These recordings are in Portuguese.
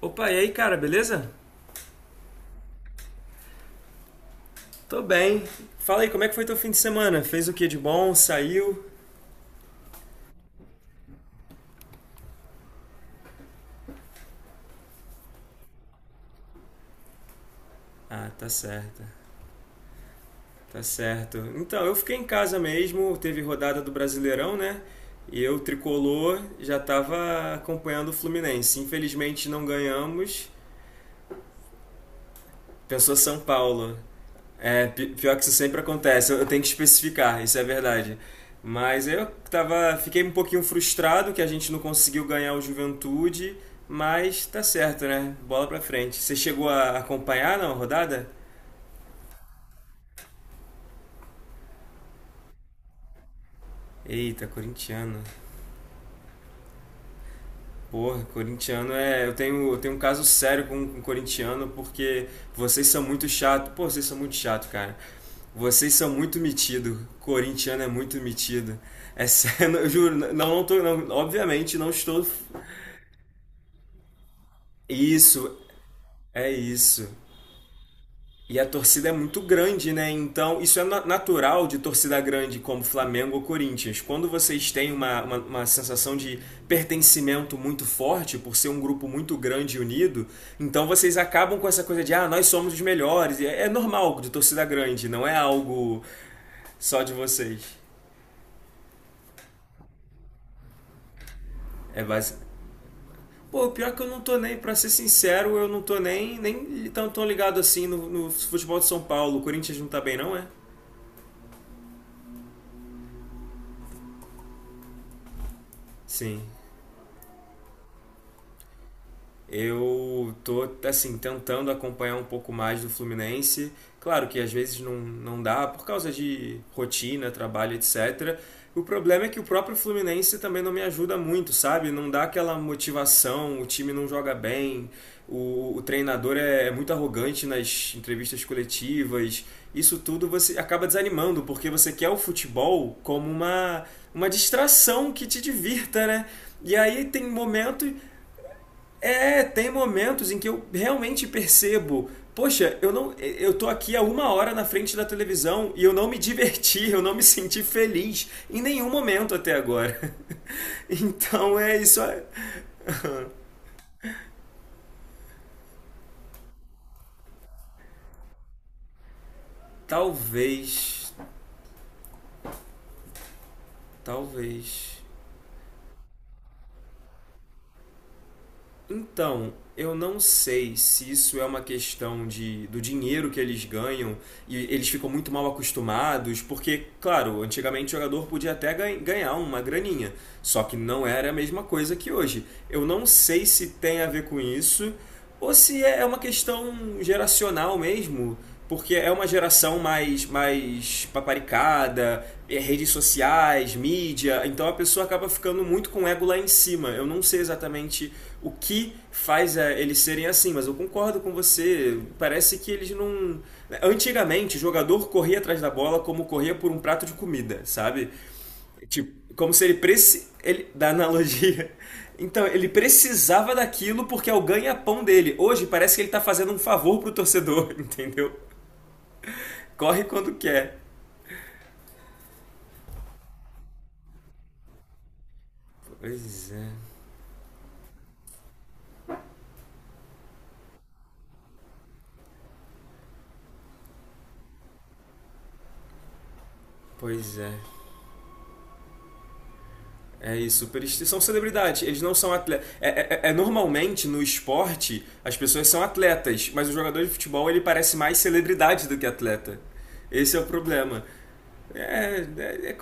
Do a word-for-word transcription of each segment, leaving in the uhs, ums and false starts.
Opa, e aí, cara, beleza? Tô bem. Fala aí, como é que foi teu fim de semana? Fez o que de bom? Saiu? Ah, tá certo, tá certo. Então, eu fiquei em casa mesmo, teve rodada do Brasileirão, né? E eu, tricolor, já tava acompanhando o Fluminense. Infelizmente não ganhamos. Pensou São Paulo. É, pi- pior que isso sempre acontece, eu eu tenho que especificar, isso é verdade. Mas eu tava, fiquei um pouquinho frustrado que a gente não conseguiu ganhar o Juventude, mas tá certo, né? Bola pra frente. Você chegou a acompanhar na rodada? Eita, corintiano. Porra, corintiano é. Eu tenho, eu tenho um caso sério com, com corintiano porque vocês são muito chato. Pô, vocês são muito chato, cara. Vocês são muito metido. Corintiano é muito metido. É sério, eu juro, não, não tô. Não, obviamente não estou. Isso, é isso. E a torcida é muito grande, né? Então, isso é na- natural de torcida grande como Flamengo ou Corinthians. Quando vocês têm uma, uma, uma sensação de pertencimento muito forte, por ser um grupo muito grande e unido, então vocês acabam com essa coisa de, ah, nós somos os melhores. E É, é normal de torcida grande, não é algo só de vocês. É base. Pô, pior que eu não tô nem, pra ser sincero, eu não tô nem, nem tão, tão ligado assim no, no futebol de São Paulo. O Corinthians não tá bem, não é? Sim. Eu tô, assim, tentando acompanhar um pouco mais do Fluminense. Claro que às vezes não, não dá por causa de rotina, trabalho, etcetera. O problema é que o próprio Fluminense também não me ajuda muito, sabe? Não dá aquela motivação, o time não joga bem, o, o treinador é, é muito arrogante nas entrevistas coletivas. Isso tudo você acaba desanimando, porque você quer o futebol como uma, uma distração que te divirta, né? E aí tem momento é, tem momentos em que eu realmente percebo, poxa, eu não, eu tô aqui há uma hora na frente da televisão e eu não me diverti, eu não me senti feliz em nenhum momento até agora. Então é isso. é- Talvez, talvez. Então, eu não sei se isso é uma questão de, do dinheiro que eles ganham e eles ficam muito mal acostumados, porque, claro, antigamente o jogador podia até gan- ganhar uma graninha, só que não era a mesma coisa que hoje. Eu não sei se tem a ver com isso ou se é é uma questão geracional mesmo, porque é uma geração mais, mais paparicada, é redes sociais, mídia, então a pessoa acaba ficando muito com o ego lá em cima. Eu não sei exatamente o que faz é, eles serem assim, mas eu concordo com você. Parece que eles não. Né, antigamente, o jogador corria atrás da bola como corria por um prato de comida, sabe? Tipo, como se ele preci... ele da analogia. Então, ele precisava daquilo porque é o ganha-pão dele. Hoje parece que ele tá fazendo um favor pro torcedor, entendeu? Corre quando quer. Pois é. Pois é. É isso, eles são celebridades, eles não são atletas. É, é, é, é normalmente no esporte as pessoas são atletas, mas o jogador de futebol ele parece mais celebridade do que atleta. Esse é o problema. É, é, é,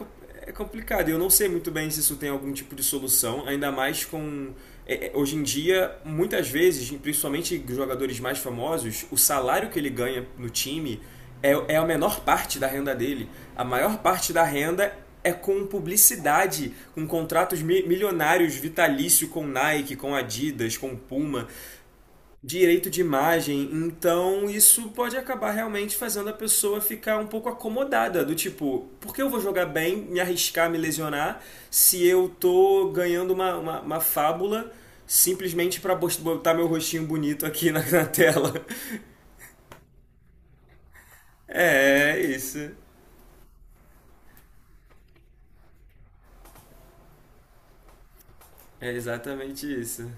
é complicado. Eu não sei muito bem se isso tem algum tipo de solução, ainda mais com. É, é, hoje em dia, muitas vezes, principalmente jogadores mais famosos, o salário que ele ganha no time é, é a menor parte da renda dele. A maior parte da renda é com publicidade, com contratos mi- milionários vitalício com Nike, com Adidas, com Puma direito de imagem, então isso pode acabar realmente fazendo a pessoa ficar um pouco acomodada, do tipo, por que eu vou jogar bem, me arriscar, me lesionar, se eu tô ganhando uma, uma, uma fábula simplesmente pra bos- botar meu rostinho bonito aqui na, na tela? É, é isso. É exatamente isso.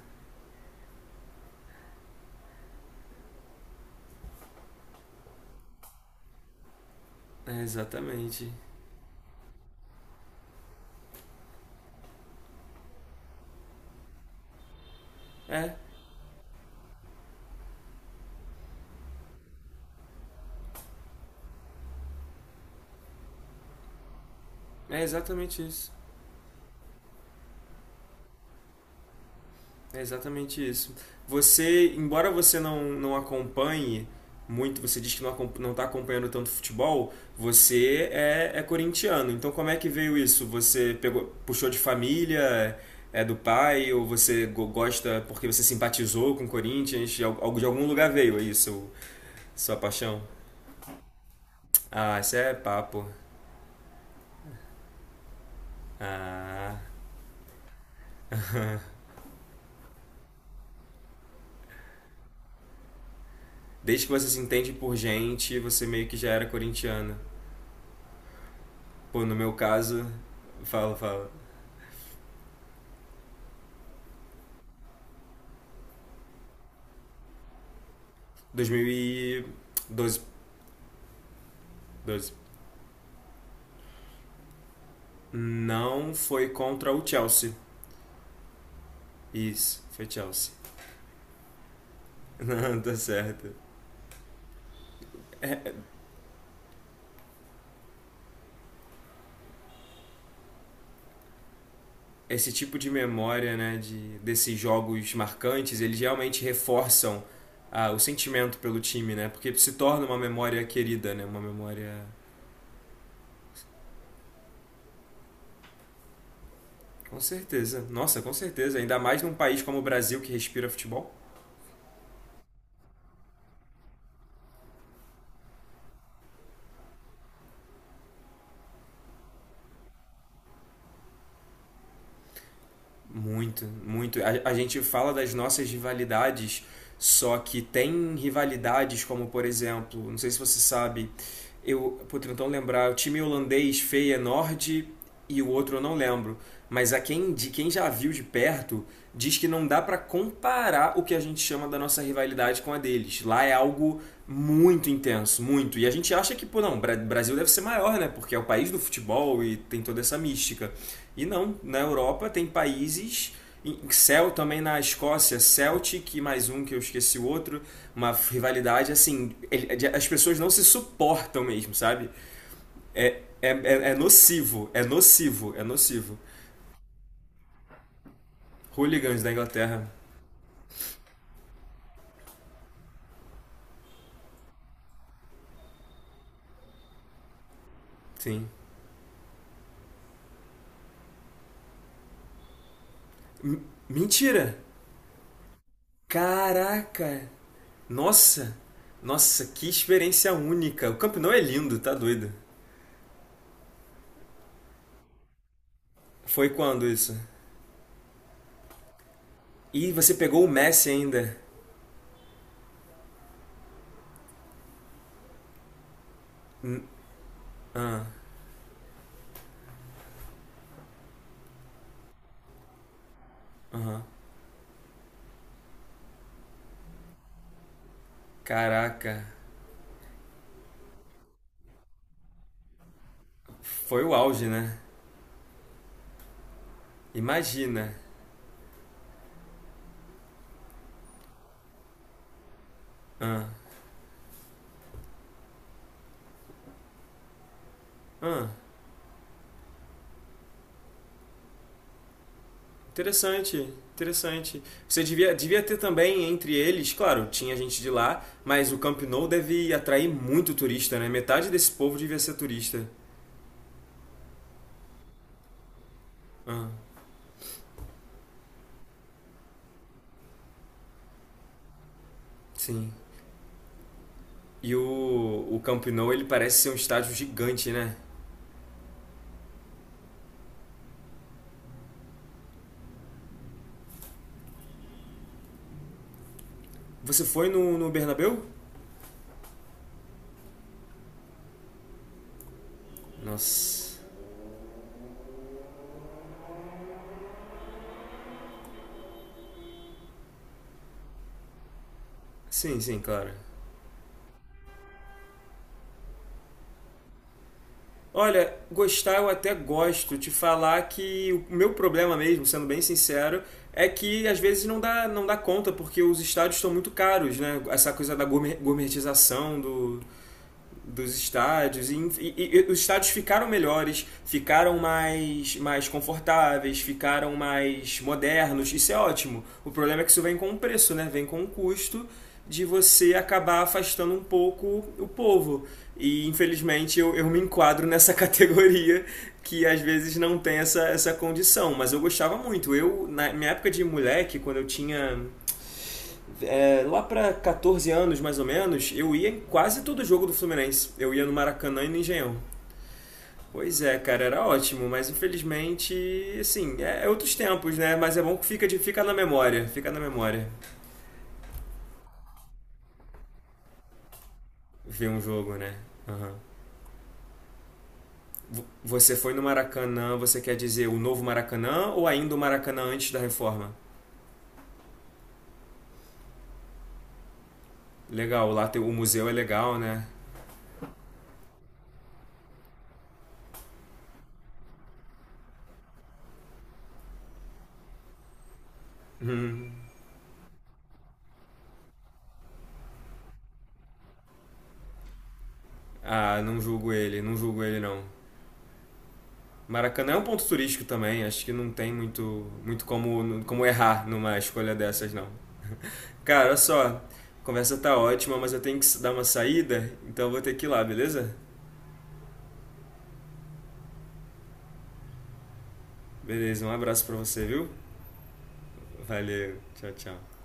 É exatamente. É, é exatamente isso. É exatamente isso. Você, embora você não, não acompanhe muito, você diz que não, acom- não está acompanhando tanto futebol, você é, é corintiano. Então como é que veio isso? Você pegou, puxou de família, é do pai, ou você go- gosta porque você simpatizou com o Corinthians? De, al- de algum lugar veio isso sua paixão? Ah, isso é papo. Ah, desde que você se entende por gente, você meio que já era corintiano. Pô, no meu caso, fala, fala. dois mil e doze. doze. Não foi contra o Chelsea. Isso, foi Chelsea. Não, tá certo. Esse tipo de memória, né, de, desses jogos marcantes, eles realmente reforçam ah, o sentimento pelo time, né? Porque se torna uma memória querida, né? Uma memória. Com certeza. Nossa, com certeza. Ainda mais num país como o Brasil que respira futebol. Muito, muito. A, a gente fala das nossas rivalidades, só que tem rivalidades como, por exemplo, não sei se você sabe, eu, vou tentando lembrar, o time holandês Feyenoord e o outro eu não lembro. Mas a quem, de quem já viu de perto, diz que não dá para comparar o que a gente chama da nossa rivalidade com a deles. Lá é algo muito intenso, muito. E a gente acha que, pô, não, Bra- Brasil deve ser maior, né? Porque é o país do futebol e tem toda essa mística. E não, na Europa tem países. em- Cel também na Escócia, Celtic e mais um que eu esqueci o outro, uma rivalidade assim, ele- as pessoas não se suportam mesmo, sabe? É, é, é, é nocivo, é nocivo, é nocivo. Hooligans da Inglaterra, sim. M- Mentira! Caraca! Nossa! Nossa, que experiência única. O campeonato é lindo, tá doido. Foi quando isso? E você pegou o Messi ainda. Hum, Ah, aham. Caraca. Foi o auge, né? Imagina. Ah, ah. Interessante, interessante. Você devia, devia ter também entre eles, claro, tinha gente de lá, mas o Camp Nou deve atrair muito turista, né? Metade desse povo devia ser turista. Ah, sim. E o, o Camp Nou, ele parece ser um estádio gigante, né? Você foi no, no Bernabéu? Nossa. Sim, sim, claro. Olha, gostar eu até gosto. Te falar que o meu problema mesmo, sendo bem sincero, é que às vezes não dá, não dá conta, porque os estádios estão muito caros, né? Essa coisa da gourmet- gourmetização do, dos estádios e, e- e os estádios ficaram melhores, ficaram mais mais confortáveis, ficaram mais modernos. Isso é ótimo. O problema é que isso vem com um preço, né? Vem com um custo de você acabar afastando um pouco o povo. E infelizmente eu, eu me enquadro nessa categoria que às vezes não tem essa, essa condição. Mas eu gostava muito. Eu, na minha época de moleque, quando eu tinha é, lá para catorze anos, mais ou menos, eu ia em quase todo jogo do Fluminense. Eu ia no Maracanã e no Engenhão. Pois é, cara, era ótimo, mas infelizmente, assim, é, é outros tempos, né? Mas é bom que fica, de, fica na memória, fica na memória ver um jogo, né? Aham. Vo- Você foi no Maracanã, você quer dizer o novo Maracanã ou ainda o Maracanã antes da reforma? Legal, lá tem, o museu é legal, né? Hum. Ah, não julgo ele, não julgo ele não. Maracanã é um ponto turístico também, acho que não tem muito, muito como, como errar numa escolha dessas, não. Cara, olha só, a conversa tá ótima, mas eu tenho que dar uma saída, então eu vou ter que ir lá, beleza? Beleza, um abraço pra você, viu? Valeu, tchau, tchau.